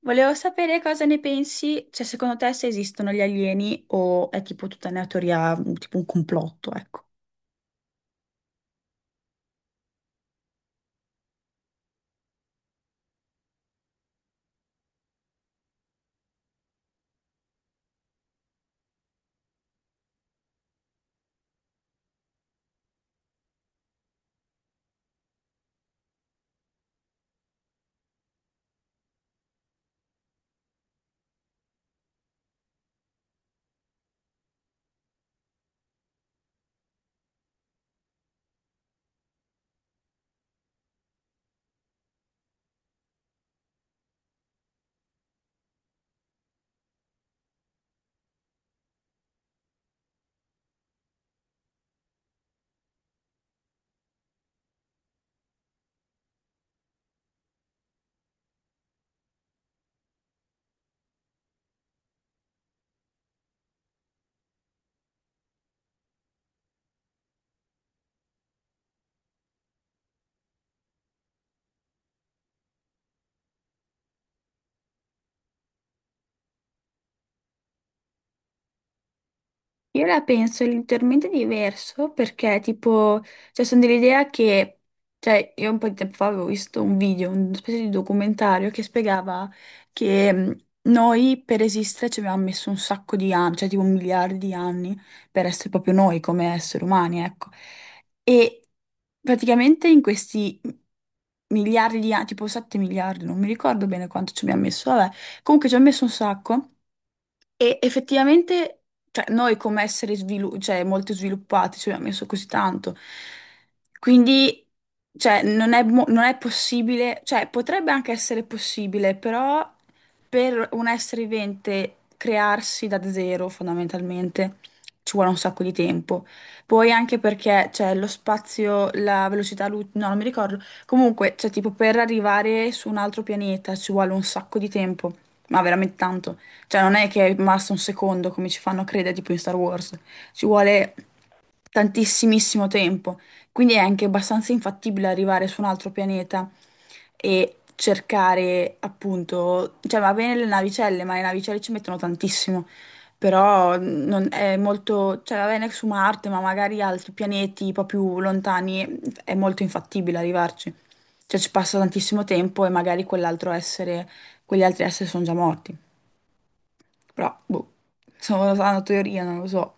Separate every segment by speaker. Speaker 1: Volevo sapere cosa ne pensi, cioè secondo te se esistono gli alieni o è tipo tutta una teoria, tipo un complotto, ecco. Io la penso leggermente diverso perché, tipo, cioè, sono dell'idea che, cioè, io un po' di tempo fa avevo visto un video, una specie di documentario che spiegava che noi per esistere ci abbiamo messo un sacco di anni, cioè tipo miliardi di anni per essere proprio noi come esseri umani, ecco. E praticamente in questi miliardi di anni, tipo 7 miliardi, non mi ricordo bene quanto ci abbiamo messo, vabbè, comunque ci abbiamo messo un sacco. E effettivamente, cioè, noi come cioè, molto sviluppati ci abbiamo messo così tanto. Quindi, cioè, non è possibile, cioè, potrebbe anche essere possibile, però per un essere vivente crearsi da zero, fondamentalmente, ci vuole un sacco di tempo. Poi anche perché, cioè, lo spazio, no, non mi ricordo. Comunque, cioè, tipo, per arrivare su un altro pianeta ci vuole un sacco di tempo, ma veramente tanto. Cioè, non è che è rimasto un secondo come ci fanno credere, tipo in Star Wars. Ci vuole tantissimissimo tempo. Quindi è anche abbastanza infattibile arrivare su un altro pianeta e cercare, appunto, cioè va bene le navicelle, ma le navicelle ci mettono tantissimo. Però non è molto, cioè va bene su Marte, ma magari altri pianeti un po' più lontani è molto infattibile arrivarci. Cioè ci passa tantissimo tempo e magari quell'altro essere, quegli altri esseri sono già morti. Però, boh, sono una teoria, non lo so.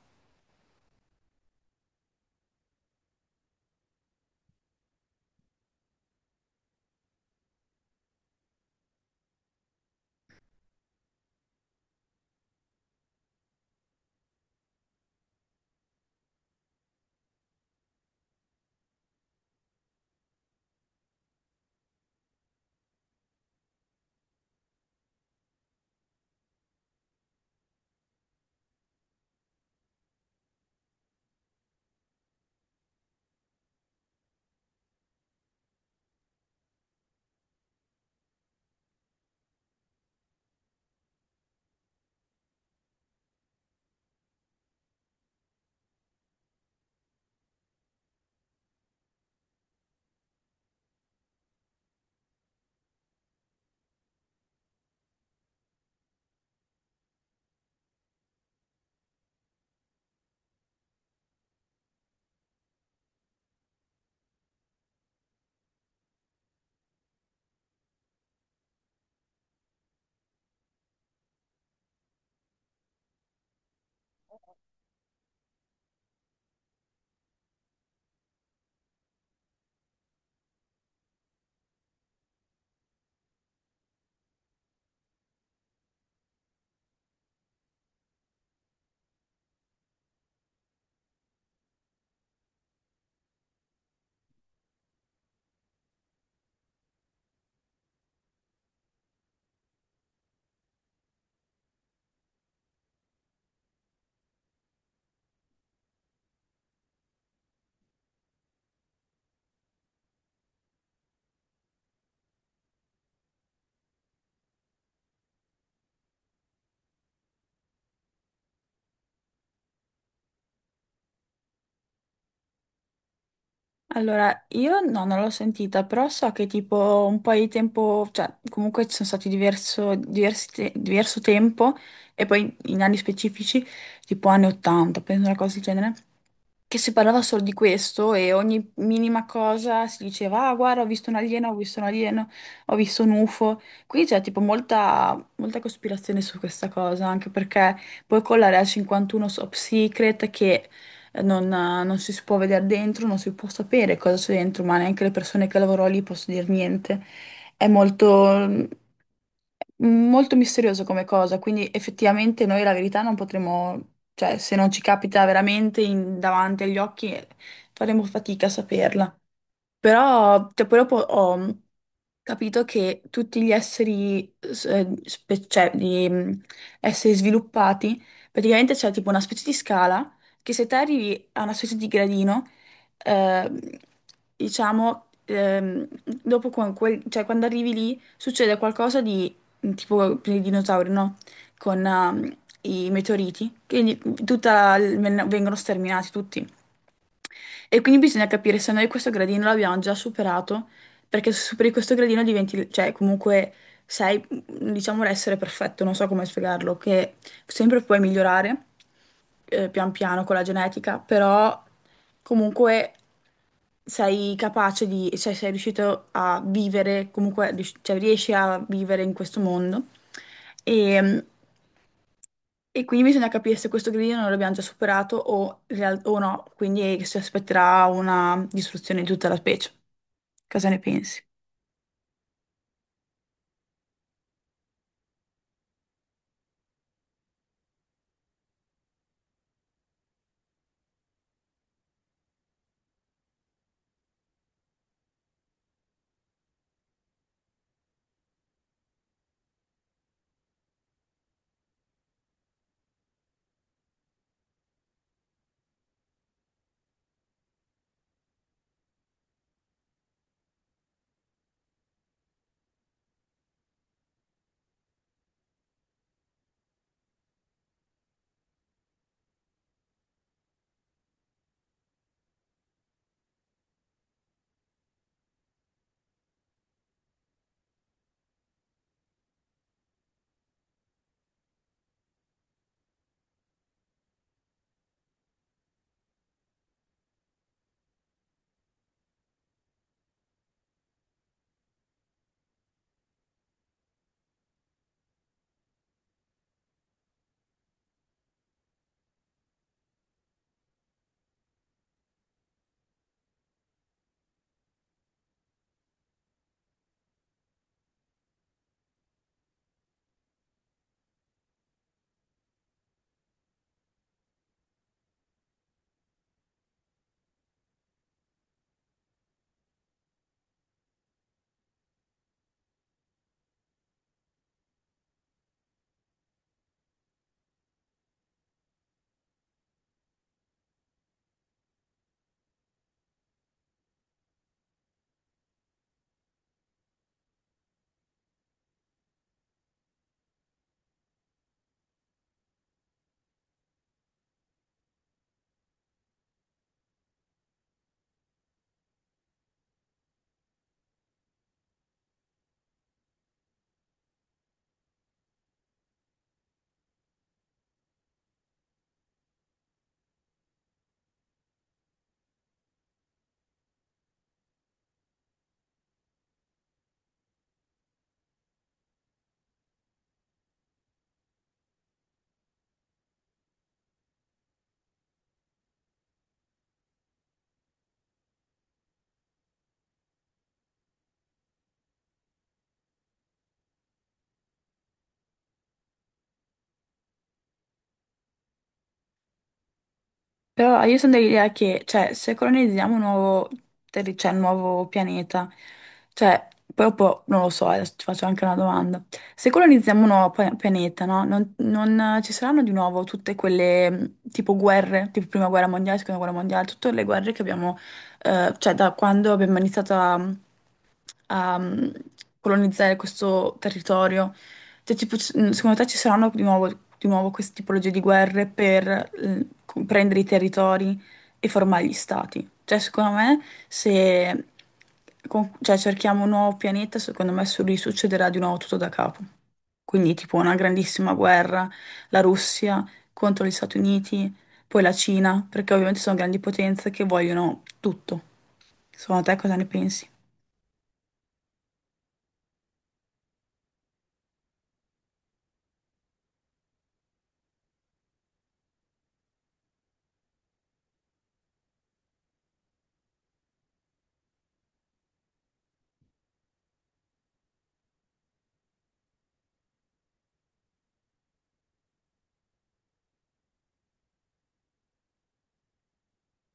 Speaker 1: Allora, io no, non l'ho sentita, però so che tipo un po' di tempo, cioè comunque ci sono stati diverso tempo e poi in anni specifici, tipo anni 80, penso una cosa del genere, che si parlava solo di questo e ogni minima cosa si diceva: ah, guarda, ho visto un alieno, ho visto un alieno, ho visto un UFO. Quindi c'è tipo molta cospirazione su questa cosa, anche perché poi con l'area 51 top secret che non si può vedere dentro, non si può sapere cosa c'è dentro, ma neanche le persone che lavorano lì possono dire niente. È molto... molto misterioso come cosa, quindi effettivamente noi la verità non potremo, cioè se non ci capita veramente davanti agli occhi, faremo fatica a saperla. Però cioè, poi dopo ho capito che tutti gli esseri, cioè, esseri sviluppati, praticamente c'è tipo una specie di scala che se te arrivi a una specie di gradino, ehm, diciamo, dopo con cioè, quando arrivi lì succede qualcosa di tipo per i dinosauri, no? Con i meteoriti, quindi vengono sterminati tutti. E quindi bisogna capire se noi questo gradino l'abbiamo già superato, perché se superi questo gradino diventi, cioè comunque sei, diciamo, l'essere perfetto, non so come spiegarlo, che sempre puoi migliorare pian piano con la genetica, però comunque sei capace di, cioè sei riuscito a vivere, cioè, riesci a vivere in questo mondo. E, e quindi bisogna capire se questo grido non l'abbiamo già superato o, o no, quindi si aspetterà una distruzione di tutta la specie. Cosa ne pensi? Però io sono dell'idea che, cioè, se colonizziamo cioè, un nuovo pianeta, cioè, proprio, non lo so, adesso ti faccio anche una domanda. Se colonizziamo un pianeta, no? Non ci saranno di nuovo tutte quelle, tipo, guerre, tipo Prima Guerra Mondiale, Seconda Guerra Mondiale, tutte le guerre che abbiamo, cioè, da quando abbiamo iniziato a a mm, colonizzare questo territorio? Cioè, tipo, secondo te ci saranno di nuovo queste tipologie di guerre per prendere i territori e formare gli stati? Cioè, secondo me, se cioè, cerchiamo un nuovo pianeta, secondo me risuccederà di nuovo tutto da capo. Quindi, tipo, una grandissima guerra, la Russia contro gli Stati Uniti, poi la Cina, perché ovviamente sono grandi potenze che vogliono tutto. Secondo te cosa ne pensi?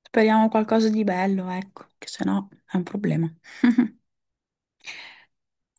Speaker 1: Speriamo qualcosa di bello, ecco, che se no è un problema.